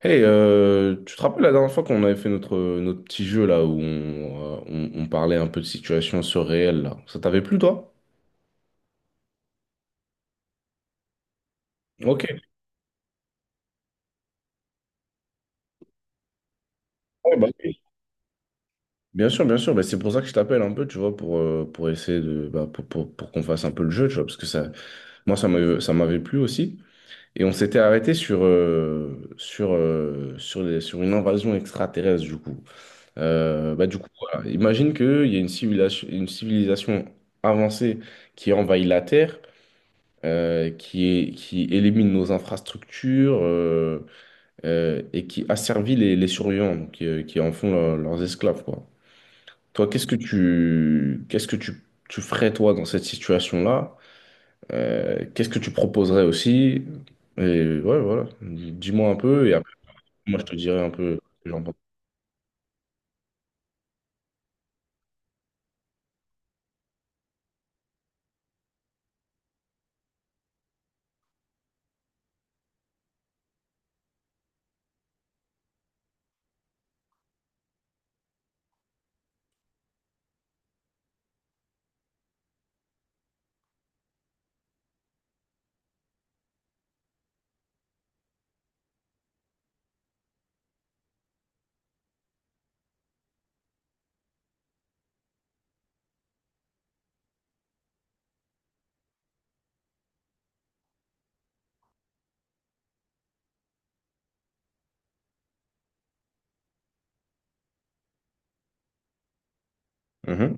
Tu te rappelles la dernière fois qu'on avait fait notre petit jeu là où on, on parlait un peu de situation surréelle là. Ça t'avait plu toi? Ok. Ouais, bah oui. Bien sûr, bien sûr. Bah, c'est pour ça que je t'appelle un peu, tu vois, pour essayer de bah, pour qu'on fasse un peu le jeu, tu vois, parce que ça, moi ça m'avait plu aussi. Et on s'était arrêté sur une invasion extraterrestre du coup. Bah du coup, voilà. Imagine qu'il y a une civilisation avancée qui envahit la Terre. Qui, qui élimine nos infrastructures et qui asservit les surveillants, donc, qui en font leurs esclaves, quoi. Toi, tu ferais, toi, dans cette situation-là? Qu'est-ce que tu proposerais aussi? Et ouais, voilà. Dis-moi un peu et après, moi, je te dirai un peu ce que j'en pense. Mhm.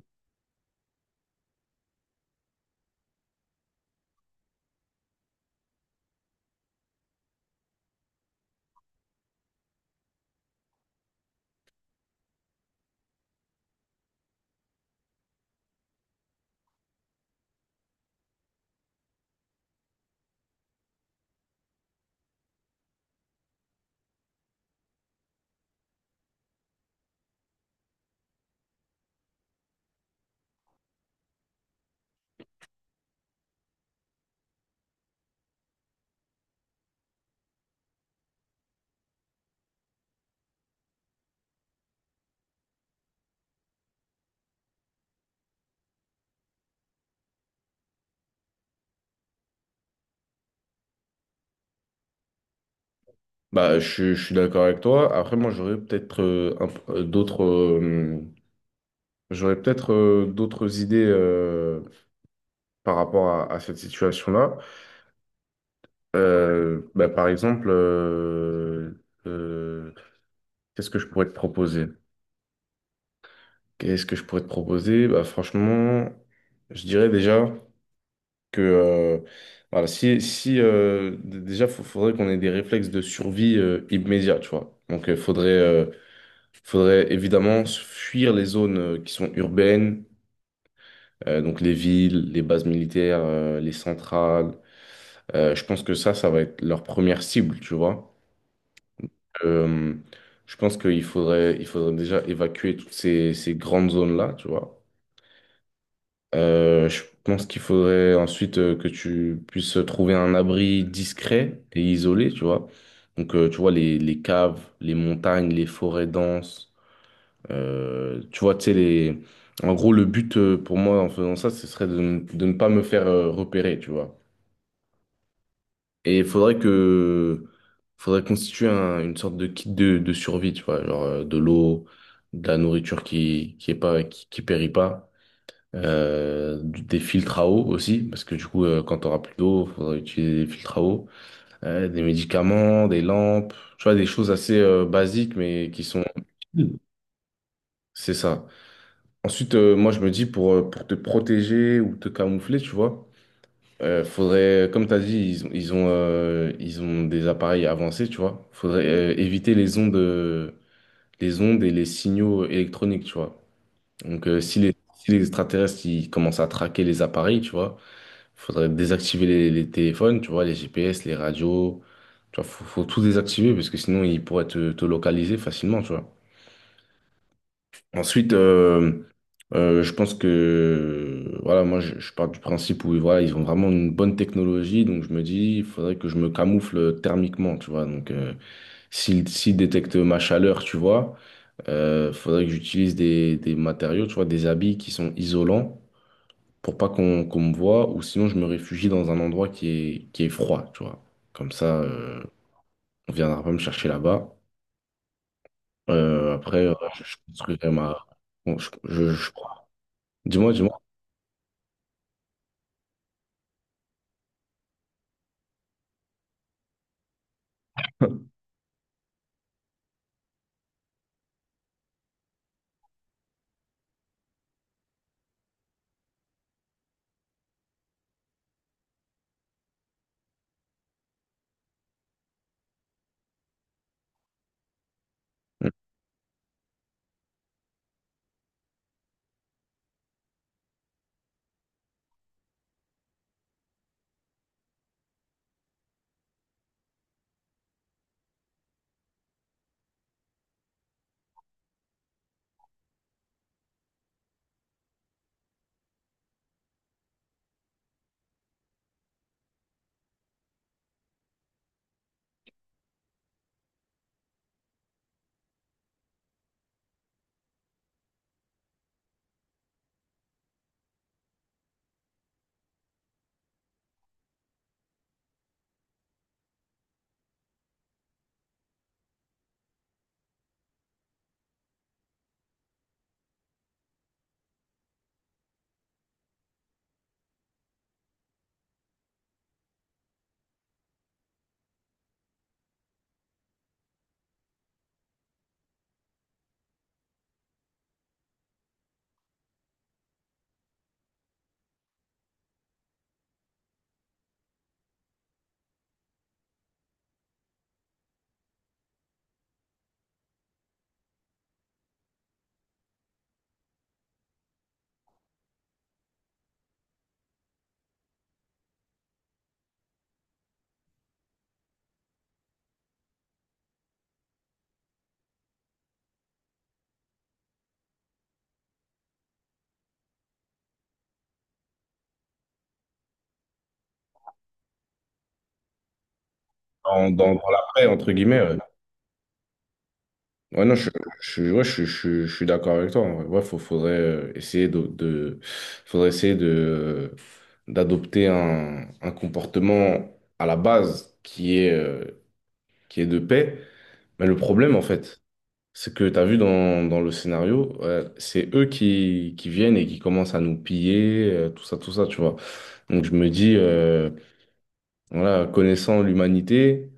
Bah, je suis d'accord avec toi. Après, moi, j'aurais peut-être un p- d'autres j'aurais peut-être d'autres idées par rapport à cette situation-là. Par exemple, euh, qu'est-ce que je pourrais te proposer? Qu'est-ce que je pourrais te proposer? Bah, franchement, je dirais déjà que voilà, si déjà, il faudrait qu'on ait des réflexes de survie immédiats, tu vois. Donc, faudrait évidemment fuir les zones qui sont urbaines, donc les villes, les bases militaires, les centrales. Je pense que ça va être leur première cible, tu vois. Euh, je pense il faudrait déjà évacuer toutes ces grandes zones-là, tu vois. Je pense qu'il faudrait ensuite que tu puisses trouver un abri discret et isolé, tu vois. Donc, tu vois, les caves, les montagnes, les forêts denses, tu vois, tu sais, les... En gros, le but pour moi en faisant ça, ce serait de ne pas me faire repérer, tu vois. Et faudrait constituer une sorte de kit de survie, tu vois, genre de l'eau, de la nourriture qui périt pas, des filtres à eau aussi, parce que du coup, quand t'auras plus d'eau, faudra utiliser des filtres à eau, des médicaments, des lampes, tu vois, des choses assez basiques, mais qui sont utiles. C'est ça. Ensuite, moi, je me dis pour te protéger ou te camoufler, tu vois, faudrait, comme tu as dit, ils ont des appareils avancés, tu vois. Faudrait éviter les ondes et les signaux électroniques, tu vois. Donc, si les extraterrestres ils commencent à traquer les appareils, tu vois, faudrait désactiver les téléphones, tu vois, les GPS, les radios. Tu vois, faut tout désactiver parce que sinon ils pourraient te localiser facilement, tu vois. Ensuite, je pense que voilà, je pars du principe où voilà, ils ont vraiment une bonne technologie, donc je me dis, il faudrait que je me camoufle thermiquement, tu vois. Donc s'ils détectent ma chaleur, tu vois, faudrait que j'utilise des matériaux, tu vois, des habits qui sont isolants pour pas qu'on me voit, ou sinon je me réfugie dans un endroit qui est froid, tu vois. Comme ça, on viendra pas me chercher là-bas. Après, je construirai ma. Bon, je... Dis-moi, dis-moi. Dans l'après, entre guillemets. Ouais, ouais, non, je, ouais, je suis d'accord avec toi. En vrai. Ouais, faudrait essayer faudrait essayer de, d'adopter un comportement à la base qui est de paix. Mais le problème, en fait, c'est que tu as vu dans le scénario, ouais, c'est eux qui viennent et qui commencent à nous piller, tout ça, tu vois. Donc je me dis, voilà, connaissant l'humanité.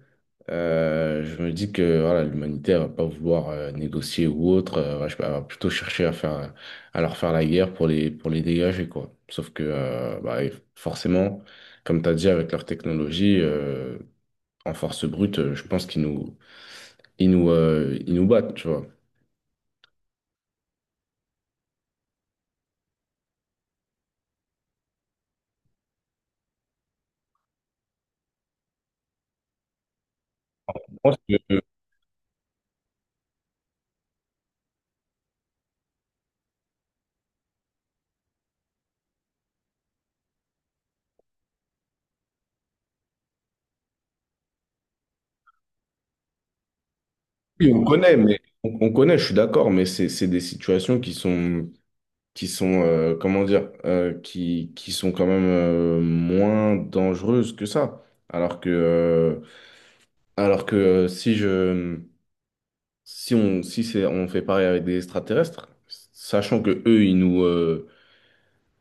Je me dis que voilà, l'humanité elle va pas vouloir négocier ou autre, elle va plutôt chercher à faire, à leur faire la guerre pour les dégager, quoi. Sauf que bah, forcément, comme tu as dit, avec leur technologie, en force brute, je pense qu'ils nous, ils nous, ils nous battent, tu vois. Je pense que, oui, on connaît, mais on connaît, je suis d'accord, mais c'est des situations qui sont comment dire, qui sont quand même moins dangereuses que ça. Alors que, euh, alors que si on, si c'est, on fait pareil avec des extraterrestres, sachant que eux, ils nous, euh,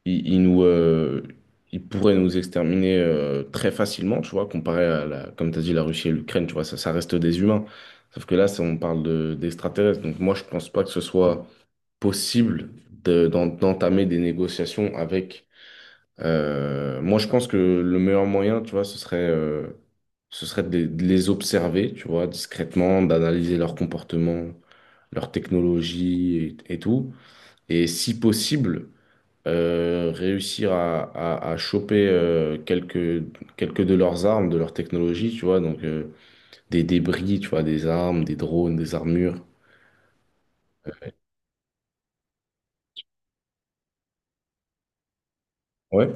ils, ils nous, ils pourraient nous exterminer très facilement, tu vois, comparé à la, comme tu as dit, la Russie et l'Ukraine, tu vois, ça reste des humains. Sauf que là, ça, on parle d'extraterrestres. Donc moi, je pense pas que ce soit possible d'entamer des négociations avec euh, moi, je pense que le meilleur moyen, tu vois, ce serait de les observer, tu vois, discrètement, d'analyser leur comportement, leur technologie et tout. Et si possible, réussir à choper quelques de leurs armes, de leur technologie, tu vois, donc des débris, tu vois, des armes, des drones, des armures. Ouais.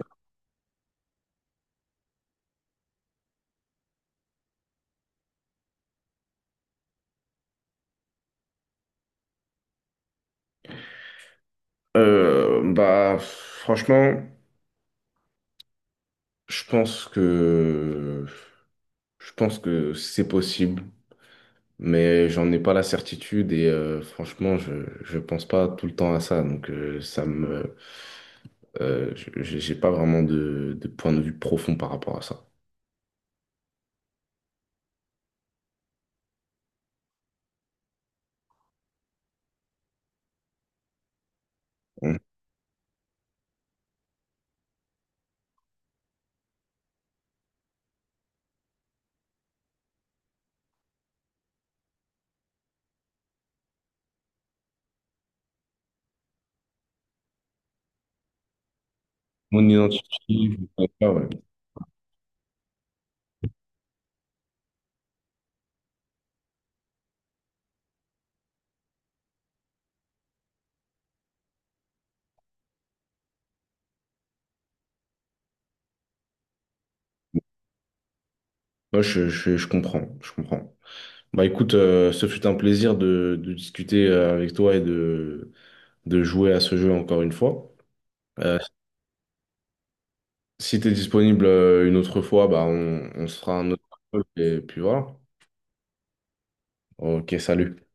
Bah, franchement, je pense que je pense que c'est possible. Mais j'en ai pas la certitude et franchement, je pense pas tout le temps à ça, donc ça me j'ai pas vraiment de point de vue profond par rapport à ça. Mm. Mon identité, je sais pas, ouais. Moi, je comprends, je comprends. Bah écoute, ce fut un plaisir de discuter avec toi et de jouer à ce jeu encore une fois. Euh, si tu es disponible une autre fois, bah on se fera un autre jeu et puis voilà. Ok, salut.